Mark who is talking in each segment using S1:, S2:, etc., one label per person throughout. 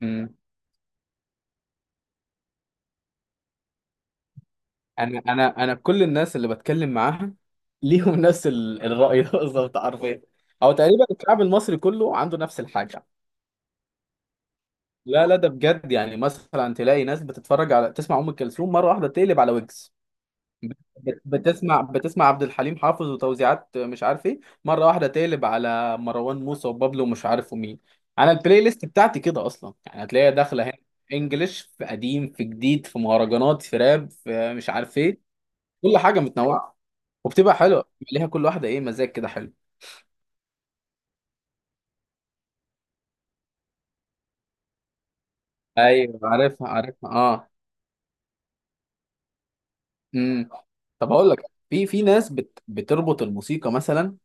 S1: مم. انا كل الناس اللي بتكلم معاها ليهم نفس الرأي ده بالظبط حرفيا، او تقريبا الشعب المصري كله عنده نفس الحاجة. لا، لا، ده بجد، يعني مثلا تلاقي ناس بتتفرج على تسمع ام كلثوم مرة واحدة تقلب على ويجز، بتسمع عبد الحليم حافظ وتوزيعات مش عارف ايه، مرة واحدة تقلب على مروان موسى وبابلو ومش عارف مين. انا البلاي ليست بتاعتي كده اصلا، يعني هتلاقيها داخلة هنا انجلش، في قديم، في جديد، في مهرجانات، في راب، في مش عارف ايه، كل حاجة متنوعة، وبتبقى حلوه، بيبقى ليها كل واحده ايه مزاج كده حلو. ايوه، عارفها عارفها، اه. امم. طب اقول لك، في ناس بتربط الموسيقى مثلا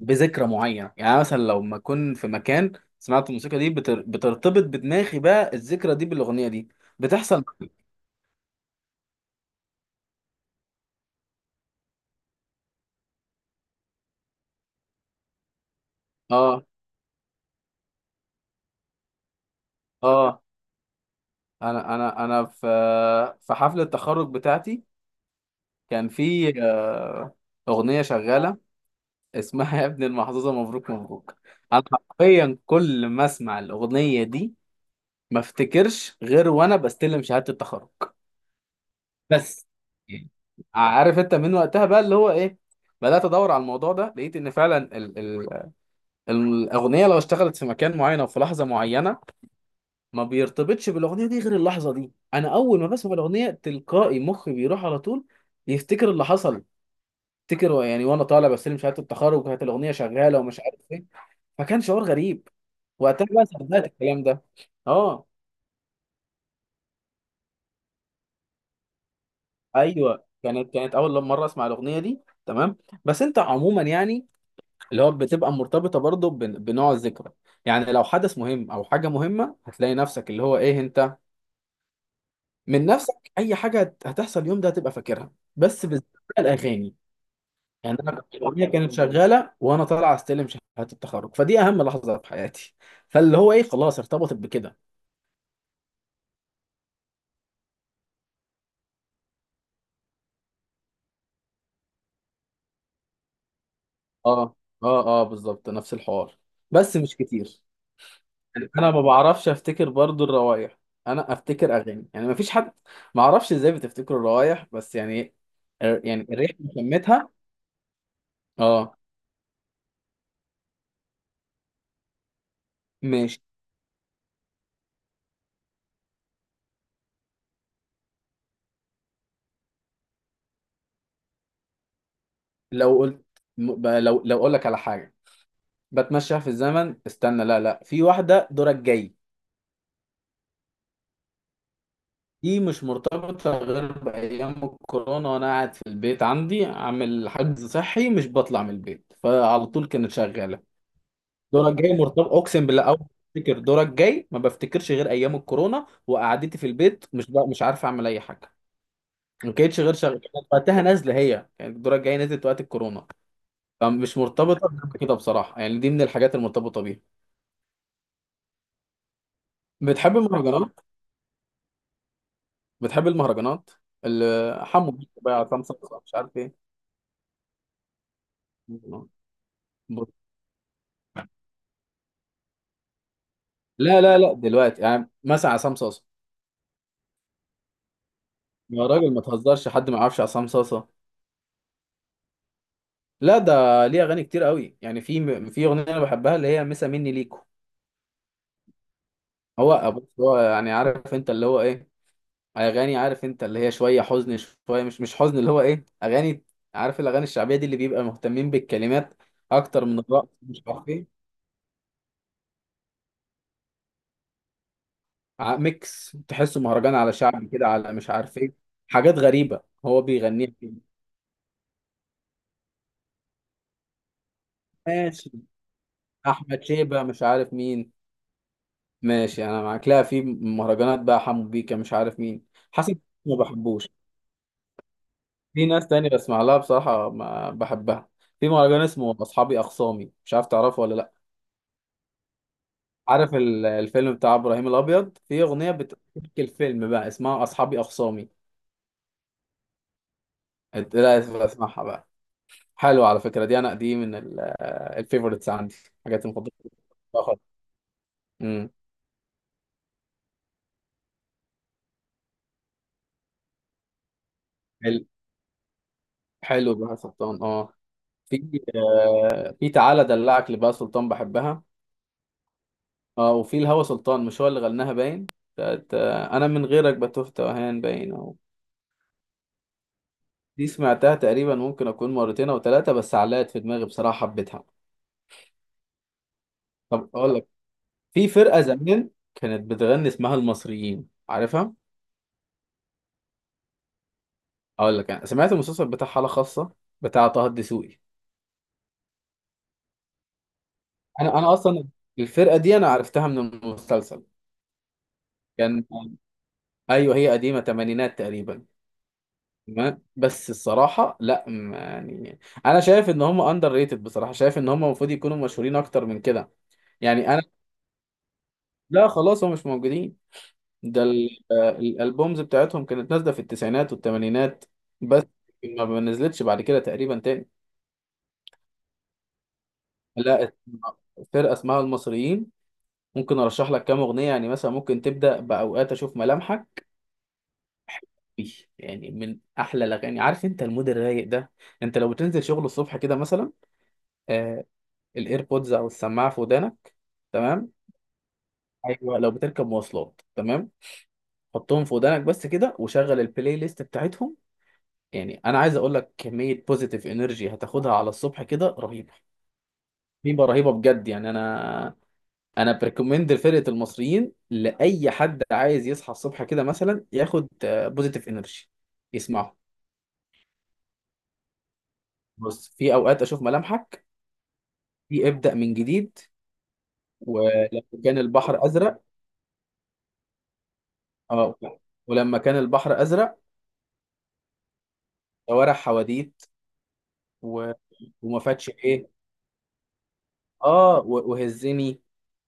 S1: بذكرى معينه. يعني أنا مثلا لو ما اكون في مكان سمعت الموسيقى دي، بترتبط بدماغي بقى الذكرى دي بالاغنيه دي. بتحصل معايا. اه، اه، انا في في حفله التخرج بتاعتي كان في اغنيه شغاله اسمها يا ابن المحظوظه مبروك مبروك. انا حرفيا كل ما اسمع الاغنيه دي ما افتكرش غير وانا بستلم شهاده التخرج. بس يعني عارف انت من وقتها بقى اللي هو ايه، بدات ادور على الموضوع ده، لقيت ان فعلا ال الاغنيه لو اشتغلت في مكان معين او في لحظه معينه ما بيرتبطش بالاغنيه دي غير اللحظه دي. انا اول ما بسمع الاغنيه تلقائي مخي بيروح على طول يفتكر اللي حصل. افتكر يعني وانا طالع بستلم شهاده التخرج وكانت الاغنيه شغاله ومش عارف ايه. فكان شعور غريب. وقتها بقى صدقت الكلام ده. اه، ايوه، كانت اول مره اسمع الاغنيه دي، تمام. بس انت عموما يعني اللي هو بتبقى مرتبطه برضه بنوع الذكرى. يعني لو حدث مهم او حاجه مهمه هتلاقي نفسك اللي هو ايه، انت من نفسك اي حاجه هتحصل اليوم ده هتبقى فاكرها، بس بالذات بقى الاغاني. يعني انا الاغنيه كانت شغاله وانا طالع استلم شهاده التخرج، فدي اهم لحظه في حياتي، فاللي هو ايه خلاص ارتبطت بكده. اه، اه، اه، بالظبط نفس الحوار، بس مش كتير. انا ما بعرفش افتكر برضو الروايح، انا افتكر اغاني يعني، ما فيش حد. ما اعرفش ازاي بتفتكر الروايح، بس يعني يعني الريحه شمتها. اه، ماشي. لو قلت لو اقول لك على حاجه بتمشى في الزمن، استنى، لا، لا، في واحده دورك جاي. دي مش مرتبطه غير بايام الكورونا وانا قاعد في البيت عندي عامل حجز صحي مش بطلع من البيت، فعلى طول كانت شغاله. دورك جاي مرتبط، اقسم بالله اول ما افتكر دورك جاي ما بفتكرش غير ايام الكورونا وقعدتي في البيت، مش بقى مش عارف اعمل اي حاجه، ما كانتش غير شغاله، كانت وقتها نازله، هي كانت دورك جاي نزلت وقت الكورونا. فمش مرتبطه غير كده بصراحه، يعني دي من الحاجات المرتبطه بيها. بتحب المهرجانات؟ بتحب المهرجانات اللي حمو بيكا بقى، عصام صاصا، مش عارف ايه؟ لا، لا، لا، دلوقتي يعني مثلا عصام صاصا، يا راجل ما تهزرش، حد ما يعرفش عصام صاصا؟ لا، ده ليه اغاني كتير قوي، يعني في اغنيه انا بحبها اللي هي مسا مني ليكو. هو بص هو يعني عارف انت اللي هو ايه اغاني، عارف انت اللي هي شويه حزن، شويه مش حزن اللي هو ايه اغاني، عارف الاغاني الشعبيه دي اللي بيبقى مهتمين بالكلمات اكتر من الرقص مش عارف ايه. ميكس تحسه مهرجان على شعبي كده، على مش عارف ايه، حاجات غريبه، هو بيغنيها كده. ماشي، احمد شيبه مش عارف مين. ماشي، انا معاك، لا، في مهرجانات بقى حمو بيكا مش عارف مين، حسن، ما بحبوش. في ناس تانية بسمع لها بصراحة ما بحبها. في مهرجان اسمه أصحابي أخصامي، مش عارف تعرفه ولا لأ. عارف الفيلم بتاع إبراهيم الأبيض؟ في أغنية بتحكي الفيلم بقى اسمها أصحابي أخصامي. لا، اسمعها بقى، حلوة على فكرة دي، أنا دي من الفيفوريتس عندي، حاجات المفضلة بصراحة. امم. حل- حلو بقى سلطان، اه. في في تعالى دلعك لبقى سلطان، بحبها. اه، وفي الهوى سلطان مش هو اللي غناها باين، بتاعت، انا من غيرك بتوه توهان باين. دي سمعتها تقريبا ممكن اكون مرتين او ثلاثه، بس علقت في دماغي بصراحه، حبيتها. طب اقول لك، في فرقه زمان كانت بتغني اسمها المصريين، عارفها؟ اقول لك، انا سمعت المسلسل بتاع حاله خاصه بتاع طه الدسوقي. انا اصلا الفرقه دي انا عرفتها من المسلسل. كان، ايوه، هي قديمه تمانينات تقريبا. تمام، بس الصراحه لا يعني انا شايف ان هم اندر ريتد، بصراحه شايف ان هم المفروض يكونوا مشهورين اكتر من كده. يعني انا، لا، خلاص هم مش موجودين، ده الالبومز بتاعتهم كانت نازله في التسعينات والثمانينات، بس ما نزلتش بعد كده تقريبا تاني. لا، فرقه اسمها المصريين، ممكن ارشح لك كام اغنيه. يعني مثلا ممكن تبدا باوقات اشوف ملامحك، إيه، يعني من احلى الاغاني. عارف انت المود الرايق ده؟ انت لو بتنزل شغل الصبح كده مثلا، آه الايربودز او السماعه في ودانك، تمام، ايوه لو بتركب مواصلات، تمام، حطهم في ودانك بس كده وشغل البلاي ليست بتاعتهم. يعني انا عايز اقول لك كميه بوزيتيف انرجي هتاخدها على الصبح كده رهيبه. رهيبه، رهيبه بجد يعني، انا انا بريكومند لفرقه المصريين لاي حد عايز يصحى الصبح كده مثلا ياخد بوزيتيف انرجي يسمعه. بص، في اوقات اشوف ملامحك، في ابدا من جديد، ولما كان البحر ازرق. اه، ولما كان البحر ازرق، شوارع حواديت، و... وما فاتش ايه، اه، وهزني،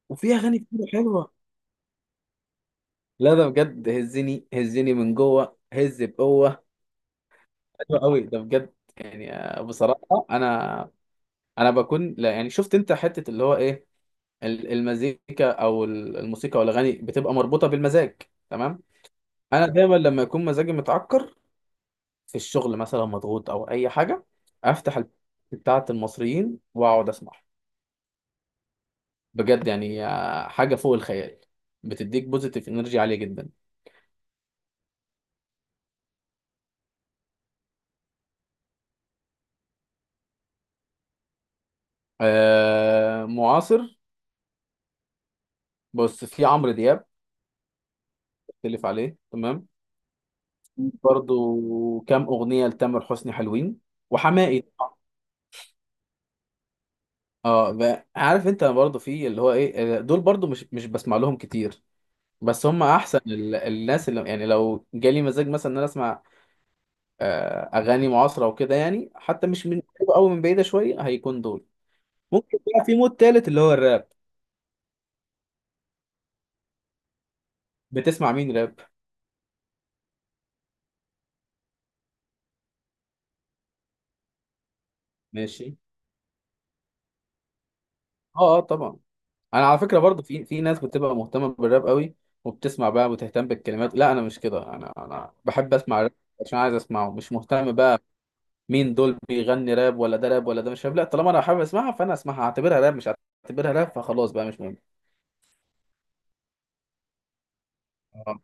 S1: وفي اغاني كتير حلوه. لا، ده بجد هزني هزني من جوه، هز بقوه، حلو قوي ده بجد يعني بصراحه انا، انا بكون، لا يعني، شفت انت حته اللي هو ايه المزيكا او الموسيقى او الاغاني بتبقى مربوطه بالمزاج، تمام. انا دايما لما يكون مزاجي متعكر في الشغل مثلا مضغوط او اي حاجه افتح بتاعه المصريين واقعد اسمع. بجد يعني حاجه فوق الخيال، بتديك بوزيتيف انرجي عاليه جدا. معاصر؟ بص، في عمرو دياب، تلف عليه، تمام. برضو كام اغنيه لتامر حسني حلوين، وحماقي طبعاً. اه، عارف انت برضو في اللي هو ايه، دول برضو مش بسمع لهم كتير، بس هم احسن الناس اللي، يعني لو جالي مزاج مثلا ان انا اسمع اغاني معاصره وكده، يعني حتى مش من قريبة أوي، من بعيده شويه، هيكون دول. ممكن بقى في مود تالت اللي هو الراب. بتسمع مين راب؟ ماشي، اه، اه، طبعا. انا على فكره برضو في ناس بتبقى مهتمه بالراب قوي وبتسمع بقى وتهتم بالكلمات. لا، انا مش كده، انا بحب اسمع راب عشان عايز اسمعه، مش مهتم بقى مين دول بيغني راب ولا ده راب ولا ده مش راب، لا طالما انا حابب اسمعها فانا اسمعها، اعتبرها راب مش اعتبرها راب فخلاص بقى مش مهم. آه.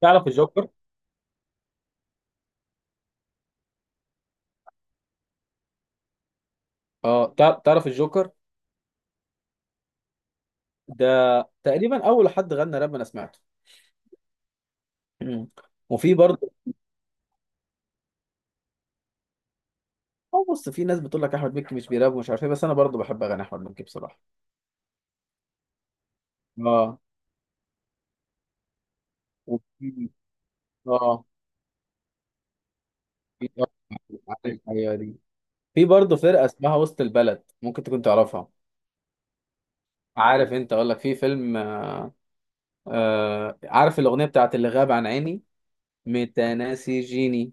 S1: تعرف الجوكر؟ اه، تعرف الجوكر؟ ده تقريبا اول حد غنى راب انا سمعته. مم. وفي برضه، اه، بص في ناس بتقول لك احمد مكي مش بيراب ومش عارف ايه، بس انا برضه بحب اغاني احمد مكي بصراحه. اه، وفي- اه، في، عارف، ايوه دي. في برضه فرقه اسمها وسط البلد، ممكن تكون تعرفها؟ عارف انت، اقول لك، في فيلم، عارف الاغنيه بتاعت اللي غاب عن عيني متناسي جيني؟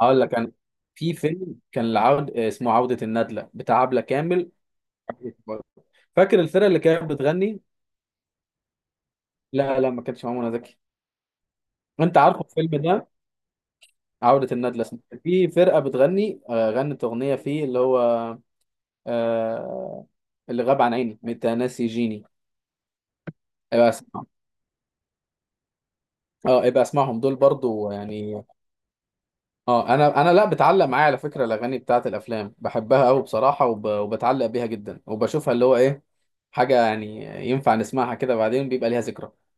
S1: اقول لك، انا في فيلم كان العود اسمه عوده الندله بتاع عبله كامل، فاكر الفرقه اللي كانت بتغني؟ لا، لا، ما كانتش مع منى زكي. انت عارفه الفيلم ده، عودة الندلة اسمه. في فرقة بتغني غنت أغنية فيه اللي هو آه اللي غاب عن عيني متناسي جيني. ابقى اسمعهم، اه، ابقى اسمعهم دول برضو يعني. اه، انا لا بتعلق معايا على فكره الاغاني بتاعت الافلام بحبها قوي بصراحه، وبتعلق بيها جدا وبشوفها اللي هو ايه حاجه يعني ينفع نسمعها كده بعدين بيبقى ليها ذكرى.